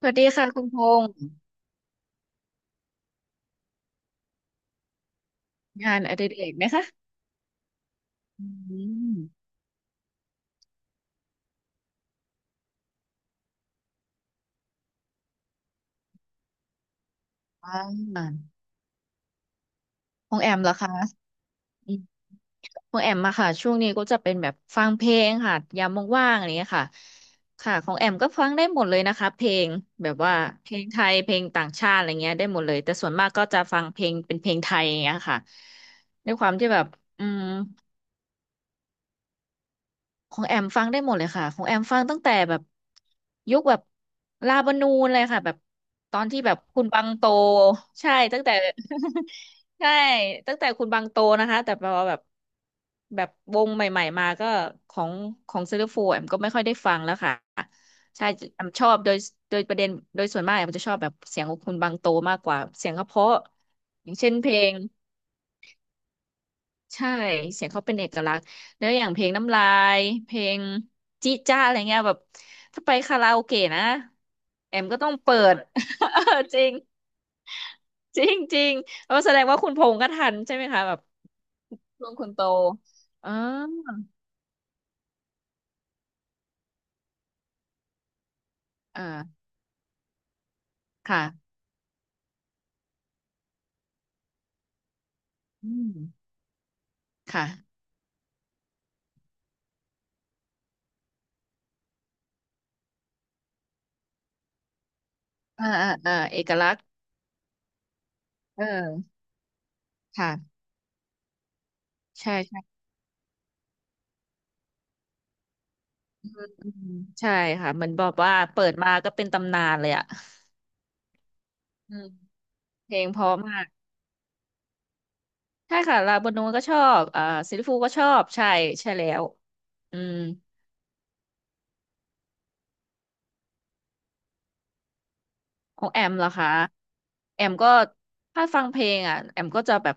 สวัสดีค่ะคุณพงษ์งานอดิเรกไหมคะอืมอ่าพงแอมเหรอคะอืมของแอมมาค่ะช่วงนี้ก็จะเป็นแบบฟังเพลงค่ะยามว่างๆอะไรอย่างเงี้ยค่ะค่ะของแอมก็ฟังได้หมดเลยนะคะเพลงแบบว่าเพลงไทยเพลงต่างชาติอะไรเงี้ยได้หมดเลยแต่ส่วนมากก็จะฟังเพลงเป็นเพลงไทยอย่างเงี้ยค่ะด้วยความที่แบบอืม ของแอมฟังได้หมดเลยค่ะของแอมฟังตั้งแต่แบบยุคแบบลาบานูนเลยค่ะแบบตอนที่แบบคุณบังโตใช่ตั้งแต่ ใช่ตั้งแต่คุณบังโตนะคะแต่พอแบบแบบวงใหม่ๆมาก็ของของซิลฟูแอมก็ไม่ค่อยได้ฟังแล้วค่ะใช่แอมชอบโดยโดยประเด็นโดยส่วนมากแอมจะชอบแบบเสียงของคุณบังโตมากกว่าเสียงเขาเพราะอย่างเช่นเพลง ใช่เสียงเขาเป็นเอกลักษณ์แล้วอย่างเพลงน้ำลายเพลงจิจ้าอะไรเงี้ยแบบถ้าไปคาราโอเกะนะแอมก็ต้องเปิด เออจริงจริงจริงแล้วแสดงว่าคุณพงษ์ก็ทันใช่ไหมคะแบบช่วงคุณโตอ๋ออ่าค่ะอืมค่ะอ่าเอกลักษณ์เออค่ะใช่อืมใช่ค่ะเหมือนบอกว่าเปิดมาก็เป็นตำนานเลยอะอืมเพลงเพราะมาก ใช่ค่ะลาบานูนก็ชอบอ่าซิลลิฟูก็ชอบใช่ใช่แล้วอืมของแอมเหรอคะแอมก็ถ้าฟังเพลงอ่ะแอมก็จะแบบ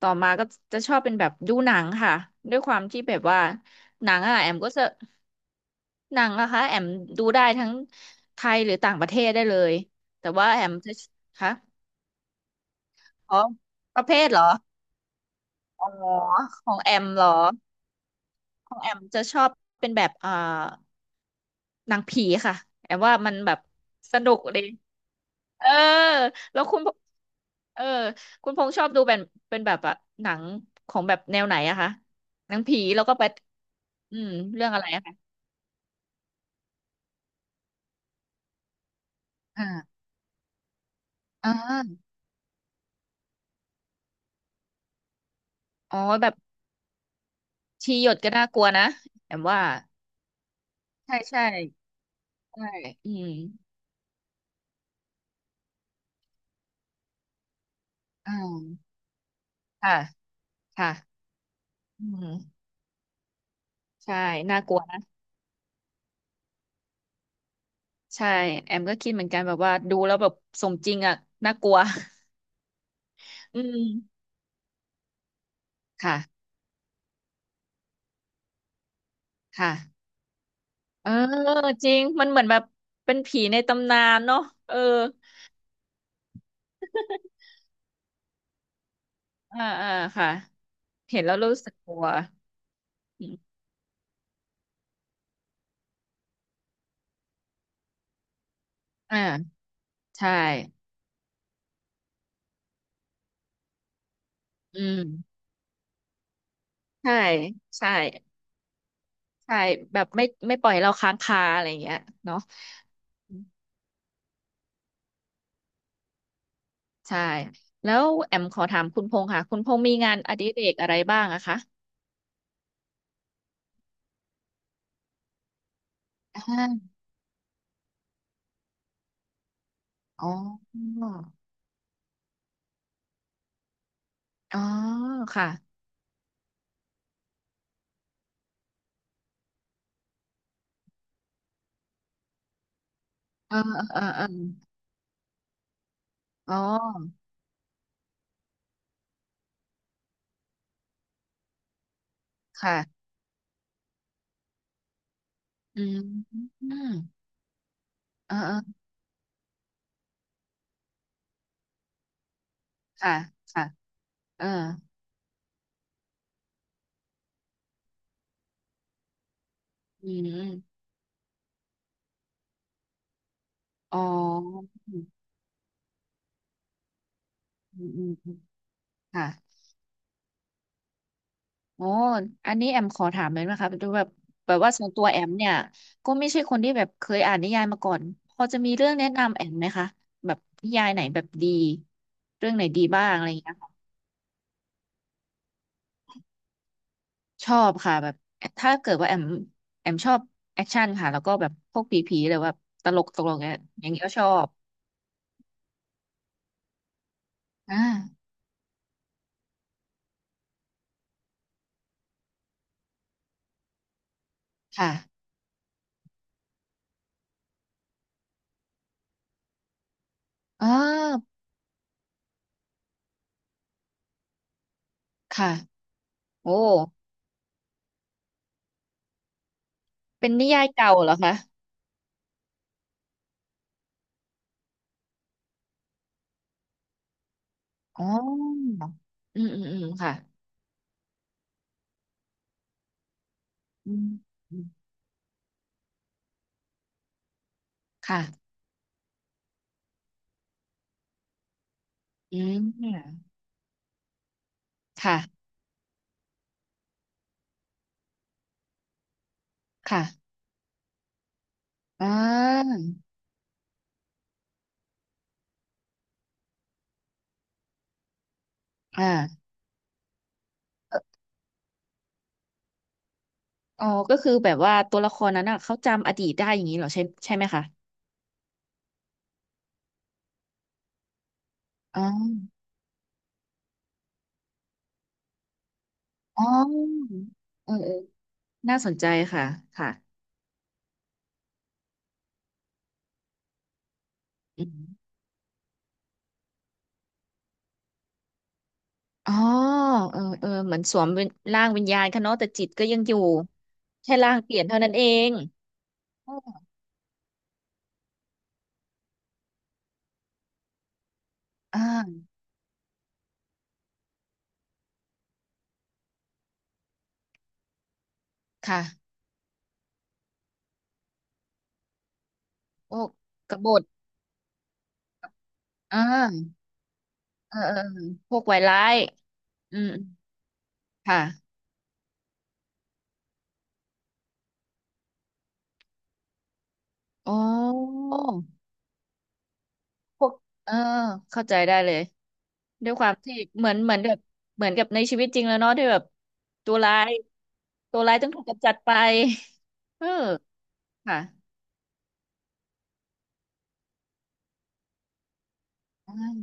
ต่อมาก็จะชอบเป็นแบบดูหนังค่ะด้วยความที่แบบว่าหนังอ่ะแอมก็จะหนังนะคะแอมดูได้ทั้งไทยหรือต่างประเทศได้เลยแต่ว่าแอมจะคะอ๋อประเภทเหรออ๋อของแอมเหรอของแอมจะชอบเป็นแบบหนังผีค่ะแอมว่ามันแบบสนุกดีเออแล้วคุณเออคุณพงษ์ชอบดูเป็นเป็นแบบอะหนังของแบบแนวไหนอะคะหนังผีแล้วก็ไปอืมเรื่องอะไรอะคะอ่าอ่าอ๋อแบบชีหยดก็น่ากลัวนะแอมว่าใช่ใช่ใช่อืมอ่าค่ะค่ะอืมใช่น่ากลัวนะใช่แอมก็คิดเหมือนกันแบบว่าดูแล้วแบบสมจริงอะน่ากลัว อืมค่ะค่ะ เออจริงมันเหมือนแบบเป็นผีในตำนานเนาะเอออ่าค่ะเห็นแล้วรู้สึกกลัวอมอ่าใช่อืมใช่ใช่ใช่แบบไม่ปล่อยให้เราค้างคาอะไรอย่างเงี้ยเนาะอืมใช่แล้วแอมขอถามคุณพงษ์ค่ะคุณพงษ์มีงานอดิเรกอะไรบ้างอะคะอ่าอ๋ออ๋อค่ะเออเออเอออ๋อค่ะอืมอืมเออเออค่ะค่ะ เอออืมอ๋ออืมอืมอืมค่ะโอ้อันนี้แอมขอถามเลยนะคะดูแบบแบบว่าส่วนตัวแอมเนี่ย ก็ไม่ใช่คนที่แบบเคยอ่านนิยายมาก่อนพอจะมีเรื่องแนะนำแอมไหมคะแบบนิยายไหนแบบดีเรื่องไหนดีบ้างอะไรอย่างเงี้ยค่ะชอบค่ะแบบถ้าเกิดว่าแอมแอมชอบแอคชั่นค่ะแล้วก็แบบพวกผีๆหรือว่าตลกตลกเนี่ยอย่างเงี้ยก็ชอบอ่าค่ะอ๋อค่ะโอ้เป็นนิยายเก่าเหรอคะ อ๋ออืมค่ะอืมอืมค่ะอืมค่ะ ค่ะอ่าอ่าเอ่ออ๋อก็คือแบบว่าตัวละครนั้นอ่ะเขาจำอดีตได้อย่างนี้เหรอใช่ใช่ไหมคะอ๋ออ๋อ เออ เออ น่าสนใจค่ะค่ะอืมอ๋อเออเออเหมือนสวมเป็นร่างวิญญาณค่ะเนาะแต่จิตก็ยังอยู่ แค่ร่างเปลี่ยนเท่านั้นเองอมอ่าค่ะพวกกบฏอ่าเออพวกวายร้าย อืมค่ะอ๋อพวกเออเข้าใจได้เลยด้วยความที่เหมือนเหมือนแบบเหมือนกับในชีวิตจริงแล้วเนาะที่แบบตัวร้ายตัวร้ายต้องถูกกำจัดไป เออค่ะอืม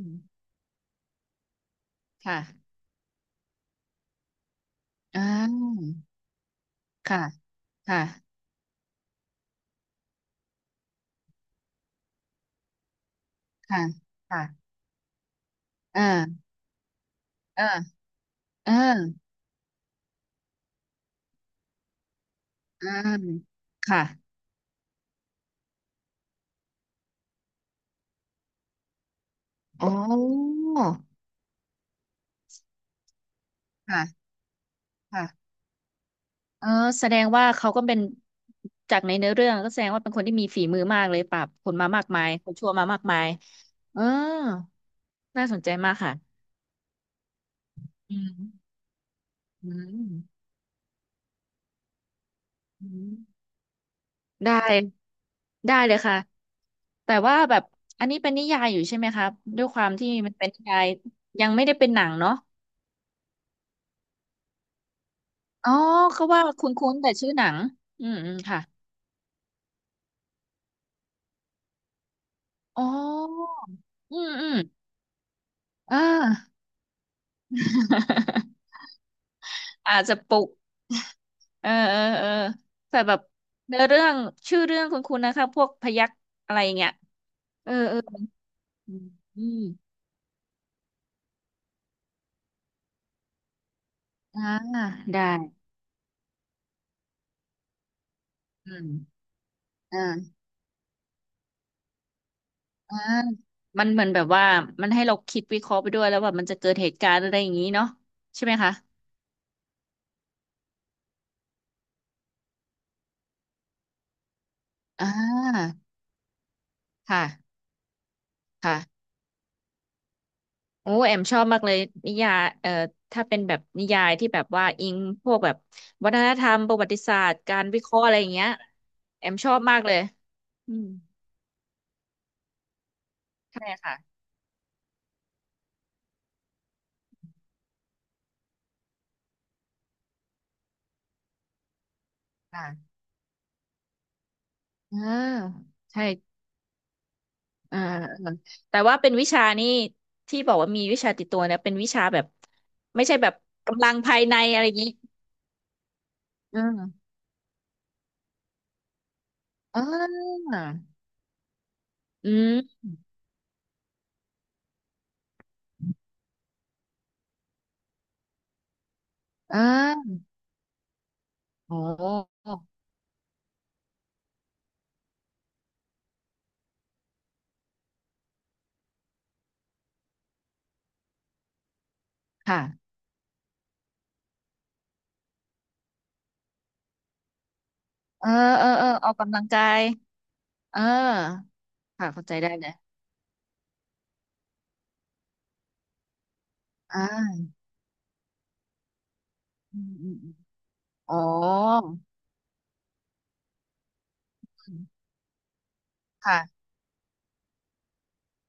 ค่ะอ่าค่ะค่ะค่ะค่ะเออเออเออเออค่ะอ๋อค่ะค่ะ เออแสดงว่าเขาก็เป็นจากในเนื้อเรื่องก็แสดงว่าเป็นคนที่มีฝีมือมากเลยปราบคนมามากมายคนชั่วมามากมายเออน่าสนใจมากค่ะอืมอืมอืมได้ได้เลยค่ะแต่ว่าแบบอันนี้เป็นนิยายอยู่ใช่ไหมครับด้วยความที่มันเป็นนิยายยังไม่ได้เป็นหนังเนาะอ๋อเขาว่าคุ้นๆแต่ชื่อหนังอืมค่ะอ๋ออืมอืมอ่า อาจจะปลุก เออแต่แบบเนื้อเรื่องชื่อเรื่องคุณคุณนะคะพวกพยักอะไรอย่างเงี้ยเออเอออืมอมอ่าได้อืมอ่าอ่ามันเหมือนแบบว่ามันให้เราคิดวิเคราะห์ไปด้วยแล้วว่ามันจะเกิดเหตุการณ์อะไรอย่างนี้เนาะใช่ไหมคะอ่าค่ะค่ะ โอ้แอมชอบมากเลยนิยายถ้าเป็นแบบนิยายที่แบบว่าอิงพวกแบบวัฒนธรรมประวัติศาสตร์การวิเคราะห์อะไรอย่างเงี้ยแอมชอบมากเลยอืมใช่ค่ะอ่าอ่าใช่อ่าเออแต่ว่าเป็นวิชานี่ที่บอกว่ามีวิชาติดตัวเนี่ยเป็นวิชาแบบไม่ใช่แบบกำลังภายในอะไรอย่างงี้อืมอ่าอืมอ่าโอ้ค่ะเออเออออกกำลังกายเออ ค่ะเข้าใจได้เลยอ่าอืมอ๋ออืมค่ะ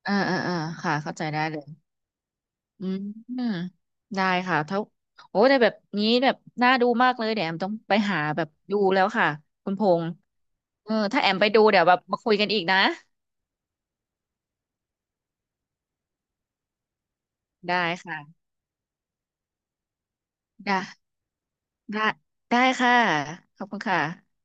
อ่าค่ะเข้าใจได้เลยอืมอืมได้ค่ะถ้าโอ้แต่แบบนี้แบบน่าดูมากเลยเดี๋ยวแอมต้องไปหาแบบดูแล้วค่ะคุณพงษ์เออถ้าแอมไปดูเดี๋ยวแบบมาคุยกันอีกนะได้ค่ะได้ได้ได้ค่ะขอบคุณค่ะ